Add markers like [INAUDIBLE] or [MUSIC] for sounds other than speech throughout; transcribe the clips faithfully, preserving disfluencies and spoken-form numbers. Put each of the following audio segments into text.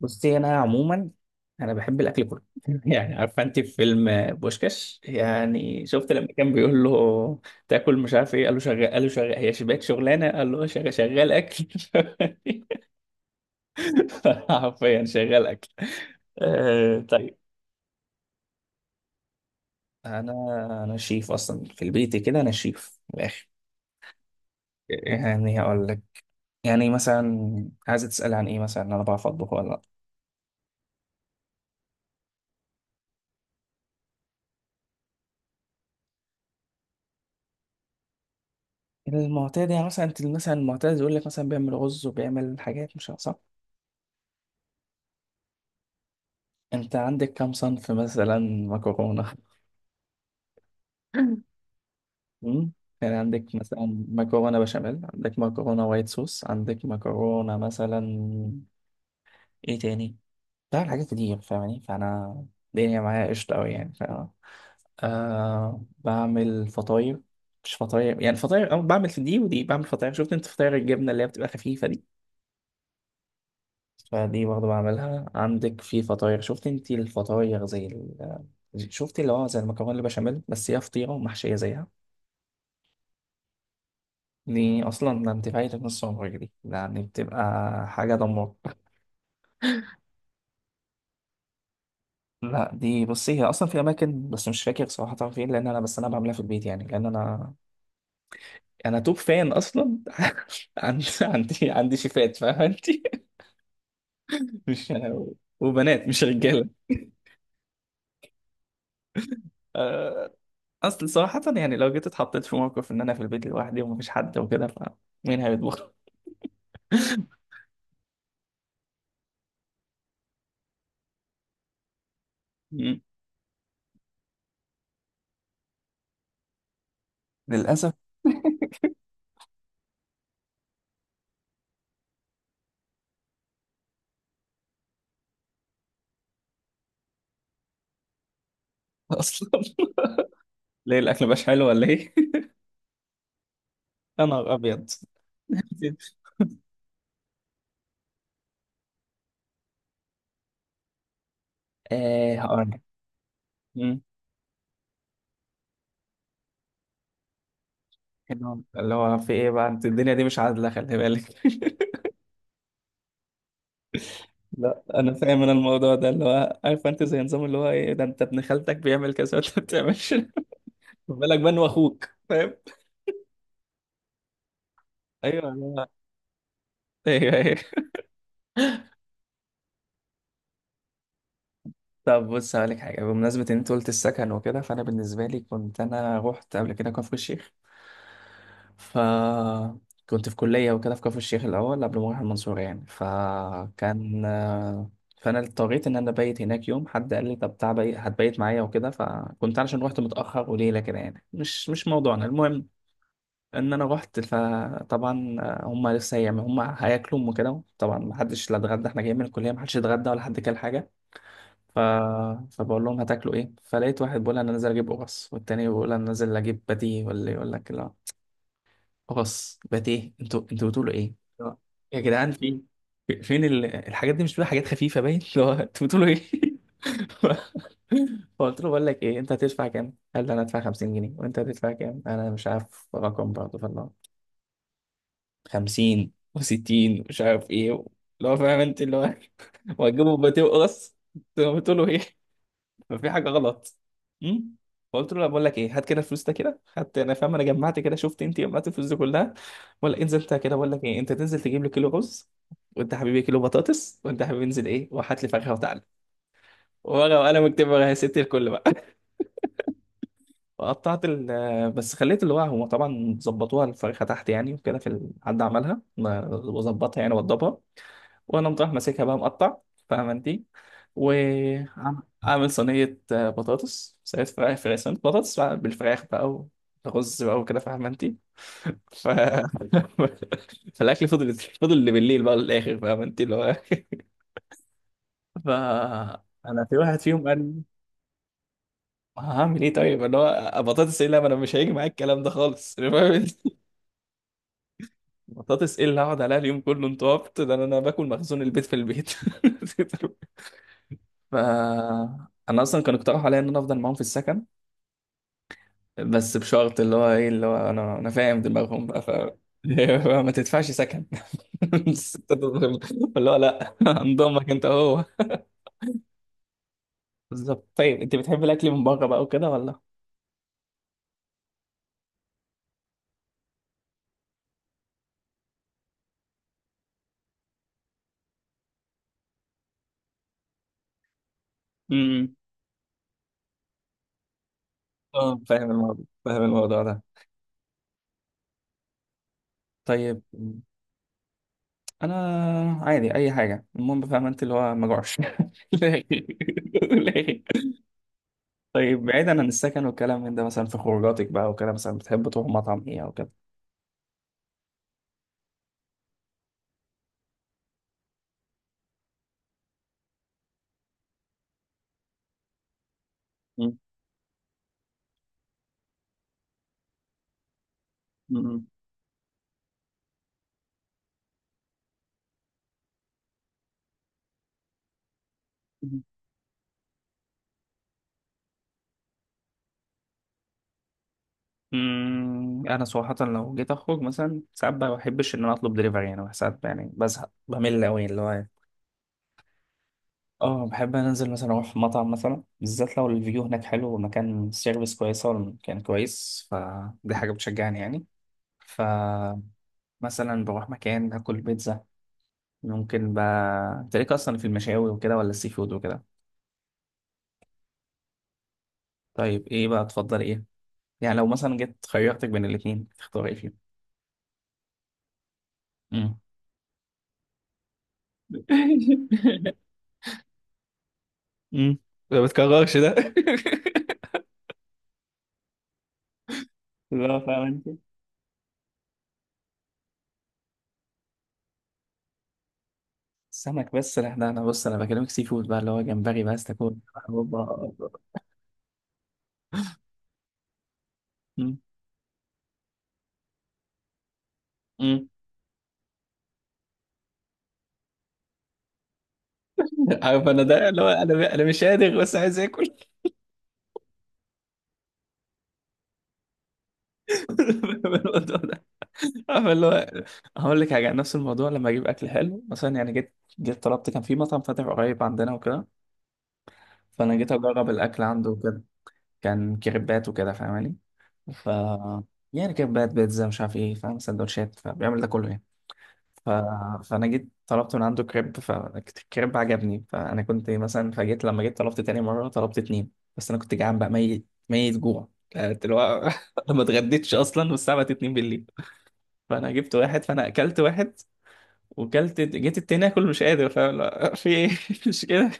بصي انا عموما انا بحب الاكل كله [LAUGHS] يعني عارفه انت في فيلم بوشكاش يعني شفت لما كان بيقول له تاكل مش عارف ايه قال له شغال قال له شغال هي شباك شغلانه قال له شغال شغال اكل [LAUGHS] حرفيا شغال اكل. آه طيب، انا انا شيف اصلا في البيت كده، انا شيف من الاخر. يعني هقول لك، يعني مثلا عايزه تسال عن ايه، مثلا انا بعرف اطبخ ولا لا؟ المعتاد يعني مثلا، انت مثلا المعتاد يقول لك مثلا بيعمل رز وبيعمل حاجات مش عارف صح. انت عندك كم صنف مثلا؟ مكرونة [LAUGHS] مم؟ يعني عندك مثلا مكرونة بشاميل، عندك مكرونة وايت صوص، عندك مكرونة مثلا، ايه تاني. بعمل حاجات كتير فاهماني، فانا الدنيا معايا قشطة اوي يعني، فاهمة. آه، بعمل فطاير، مش فطاير يعني فطاير أو بعمل دي ودي، بعمل فطاير. شفت انت فطاير الجبنة اللي هي بتبقى خفيفة دي؟ فدي برضه بعملها. عندك في فطاير، شفت انت الفطاير زي ال... شفت اللي هو زي المكرونة البشاميل بس هي فطيرة ومحشية زيها. دي اصلا ده انت فايتك نص عمرك، دي ده يعني بتبقى حاجه دمار. لا دي بصي هي اصلا في اماكن بس مش فاكر صراحه فين، لان انا بس انا بعملها في البيت يعني، لان انا انا توب فان اصلا [LAUGHS] عندي عندي عندي شيفات فاهمه انت [LAUGHS] مش أنا وبنات مش رجاله. آه، اصل صراحه يعني لو جيت اتحطيت في موقف ان انا في البيت لوحدي ومفيش حد وكده، فمين هيطبخ؟ مم. للاسف [LAUGHS] اصلا. ليه، الاكل مش حلو ولا ايه؟ [LAUGHS] انا ابيض. آه هقول لك، اللي هو اللي هو في ايه بقى، انت الدنيا دي مش عادلة، خلي بالك [LAUGHS] لا انا فاهم، انا الموضوع ده اللي هو، عارف انت زي نظام اللي هو ايه، ده انت ابن خالتك بيعمل كذا وانت ما بتعملش [LAUGHS] خد بالك بقى إن هو اخوك، فاهم. ايوه، ايوه ايوه. طب بص هقولك حاجة، بمناسبة إن أنت قلت السكن وكده، فأنا بالنسبة لي كنت أنا روحت قبل كده كفر الشيخ، فكنت في كلية وكده في كفر الشيخ الأول قبل ما أروح المنصورة يعني، فكان، فأنا اضطريت إن أنا أبيت هناك يوم، حد قال لي طب تعال بي- هتبيت معايا وكده، فكنت علشان روحت متأخر وليلة كده يعني، مش مش موضوعنا المهم. إن أنا روحت فطبعا هما لسه هيعملوا، هما هياكلوا وكده طبعا، محدش لا اتغدى، إحنا جايين من الكلية، محدش اتغدى ولا حد كل حاجة. ف... فبقول لهم هتاكلوا ايه، فلقيت واحد بيقول انا نازل اجيب قرص، والتاني بيقول انا نازل اجيب باتيه. ولا يقول لك لا، قرص باتيه، انتوا انتوا بتقولوا ايه؟ لا. يا جدعان، في في- فين ال... الحاجات دي، مش بتقول حاجات خفيفه باين [LAUGHS] اللي هو انتوا بتقولوا ايه [LAUGHS] فقلت له بقول لك ايه، انت هتدفع كام؟ قال لي انا هدفع خمسين جنيه، وانت هتدفع كام؟ انا مش عارف رقم برضه، فالله خمسين و60، مش عارف ايه، اللي هو فاهم انت اللي هو [LAUGHS] وهتجيبوا باتيه وقرص، انتوا بتقولوا ايه. ففي حاجه غلط. امم، فقلت له لا، بقول لك ايه، هات كده الفلوس، ده كده خدت انا فاهم انا، جمعت كده، شفت انت جمعت الفلوس دي كلها، ولا انزل انت كده، بقول لك ايه، انت تنزل تجيب لي كيلو رز، وانت يا حبيبي كيلو بطاطس، وانت يا حبيبي انزل ايه وهات لي فاكهه، وتعالى ورقه وقلم اكتب، ورقه يا ستي الكل بقى [LAUGHS] وقطعت ال، بس خليت اللي هو، هو طبعا ظبطوها الفرخه تحت يعني وكده، في ال- حد عملها ما- وظبطها يعني وضبها، وانا مطرح ماسكها بقى مقطع، فاهمه انت. وعامل صينيه آه، بطاطس، صينيه فراخ، فراخ صينيه، بطاطس بقى بالفراخ بقى، ورز بقى وكده، فاهمه انت. ف... [LAUGHS] فالاكل فضل فضل اللي بالليل بقى للاخر، فاهمه انت، اللي هو ف، انا في واحد فيهم قال لي هعمل ايه طيب، اللي هو بطاطس ايه، لا ما انا مش هيجي معايا الكلام ده خالص [LAUGHS] فاهم انت؟ بطاطس ايه اللي هقعد عليها اليوم كله، انت عبط، ده انا أنا باكل مخزون البيت في البيت [LAUGHS] ف انا اصلا كانوا اقترحوا عليا ان انا افضل معاهم في السكن، بس بشرط اللي هو ايه، اللي هو انا انا فاهم دماغهم بقى، ف [LAUGHS] ما تدفعش سكن [LAUGHS] بس أنت تظلم. اللي هو لا [LAUGHS] انضمك انت هو. بالظبط. طيب انت بتحب الاكل من بره بقى وكده ولا؟ امم، اه فاهم الموضوع، فاهم الموضوع ده. طيب انا عادي اي حاجه، المهم فاهم انت اللي هو ما جوعش [LAUGHS] لا. لا. طيب بعيدا عن السكن والكلام من ده، مثلا في خروجاتك بقى وكده، مثلا بتحب تروح مطعم ايه او كده؟ مم. مم. انا صراحه لو جيت اخرج مثلا، ساعات ما بحبش ان انا اطلب دليفري يعني، ساعات يعني بزهق بمل قوي اللي هو يعني. اه بحب أنا انزل مثلا اروح مطعم، مثلا بالذات لو الفيو هناك حلو، والمكان السيرفيس كويسه والمكان كويس، فدي حاجه بتشجعني يعني، فمثلا بروح مكان اكل بيتزا. ممكن بقى تلاقيك اصلا في المشاوي وكده، ولا السي فود وكده؟ طيب ايه بقى تفضل، ايه يعني لو مثلا جيت خيرتك بين الاتنين تختار ايه فيهم؟ مم. [LAUGHS] امم، ما بتكررش ده [LAUGHS] لا فاهم انت، السمك، بس لا لا انا بص، انا بكلمك سي فود بقى، اللي هو جمبري بس تاكل. اوبا. أمم، أمم. عارف انا، ده اللي هو، انا انا مش قادر بس عايز اكل [LAUGHS] الموضوع ده. عارف اللي هو، هقول لك حاجه عن نفس الموضوع، لما اجيب اكل حلو مثلا يعني، جيت جيت طلبت، كان في مطعم فاتح قريب عندنا وكده، فانا جيت اجرب الاكل عنده وكده. كان كريبات وكده، فاهماني، ف، يعني كريبات، بيتزا، مش عارف ايه، فاهم، سندوتشات، فبيعمل ده كله يعني. ف... فانا جيت طلبت من عنده كريب، فالكريب عجبني، فانا كنت مثلا، فجيت لما جيت طلبت تاني مره طلبت اتنين، بس انا كنت جعان بقى، ميت ميت جوع كانت اللي هو [LAUGHS] ما اتغديتش اصلا، والساعه بقت 2 بالليل فانا جبت واحد، فانا اكلت واحد وكلت، جيت التاني اكل مش قادر، فاهم، لا، في ايه [LAUGHS] مش كده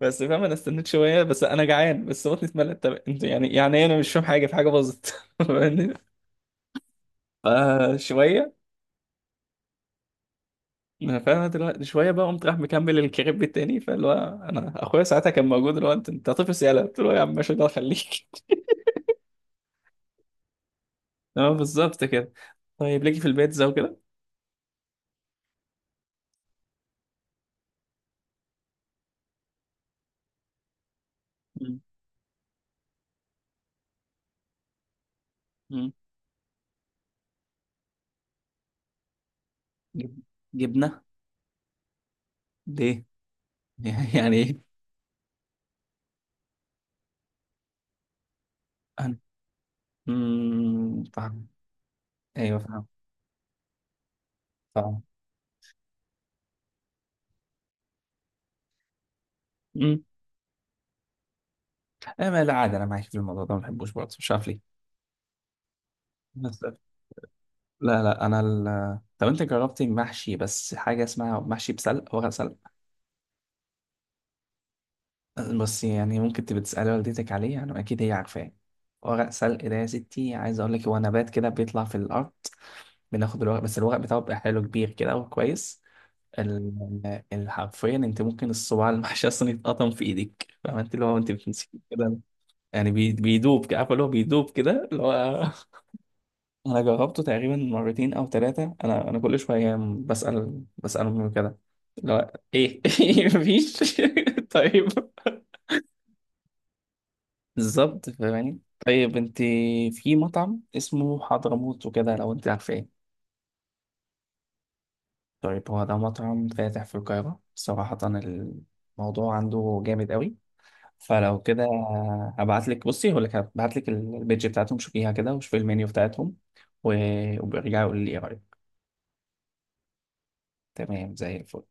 بس، فاهم. انا استنيت شويه، بس انا جعان، بس بطني اتملت، طب انت يعني يعني إيه، انا مش فاهم حاجه، في حاجه باظت [LAUGHS] فاهمني؟ فشويه، انا فاهم دلوقتي، شويه بقى قمت راح مكمل الكريب التاني، فاللي هو انا اخويا ساعتها كان موجود اللي هو، انت انت طفل سياله، قلت له يا عم ماشي ده خليك [LAUGHS] اه بالظبط كده. طيب ليكي في البيتزا وكده؟ مم. مم. جب- جبنه؟ ليه؟ [LAUGHS] يعني ايه؟ انا مم، فاهم. ايوه فاهم، فاهم. مم. انا ما، لا عادي، انا معاك في الموضوع ده، ما بحبوش برضه مش عارف ليه. بس لا لا انا ال... طب انت جربتي محشي، بس حاجه اسمها محشي بسلق، ورق سلق، بس يعني ممكن تبقى تسألي والدتك عليه يعني، أكيد هي عارفاه. ورق سلق ده، يا ستي عايز أقول لك، هو نبات كده بيطلع في الأرض، بناخد الورق بس، الورق بتاعه بيبقى حلو، كبير كده وكويس، ال- ال- حرفيا أنت ممكن الصباع المحشي أصلا يتقطم في إيدك، فاهمة أنت اللي هو، أنت بتمسكيه كده، يعني بي- بيدوب كده، عارفة اللي هو بيدوب كده اللي هو [LAUGHS] أنا جربته تقريبا مرتين أو ثلاثة، أنا أنا كل شوية بسأل بسأل أمي كده، اللي هو إيه [LAUGHS] مفيش [LAUGHS] طيب، بالظبط فاهماني. طيب انت، في مطعم اسمه حضرموت وكده، لو انت عارفاه؟ طيب هو ده مطعم فاتح في القاهرة، صراحة الموضوع عنده جامد قوي، فلو كده، هبعت لك، بصي هقول لك، هبعت لك البيج بتاعتهم، شوفيها كده وشوفي المنيو بتاعتهم، و- وبرجعي قولي لي ايه رأيك. تمام، زي الفل.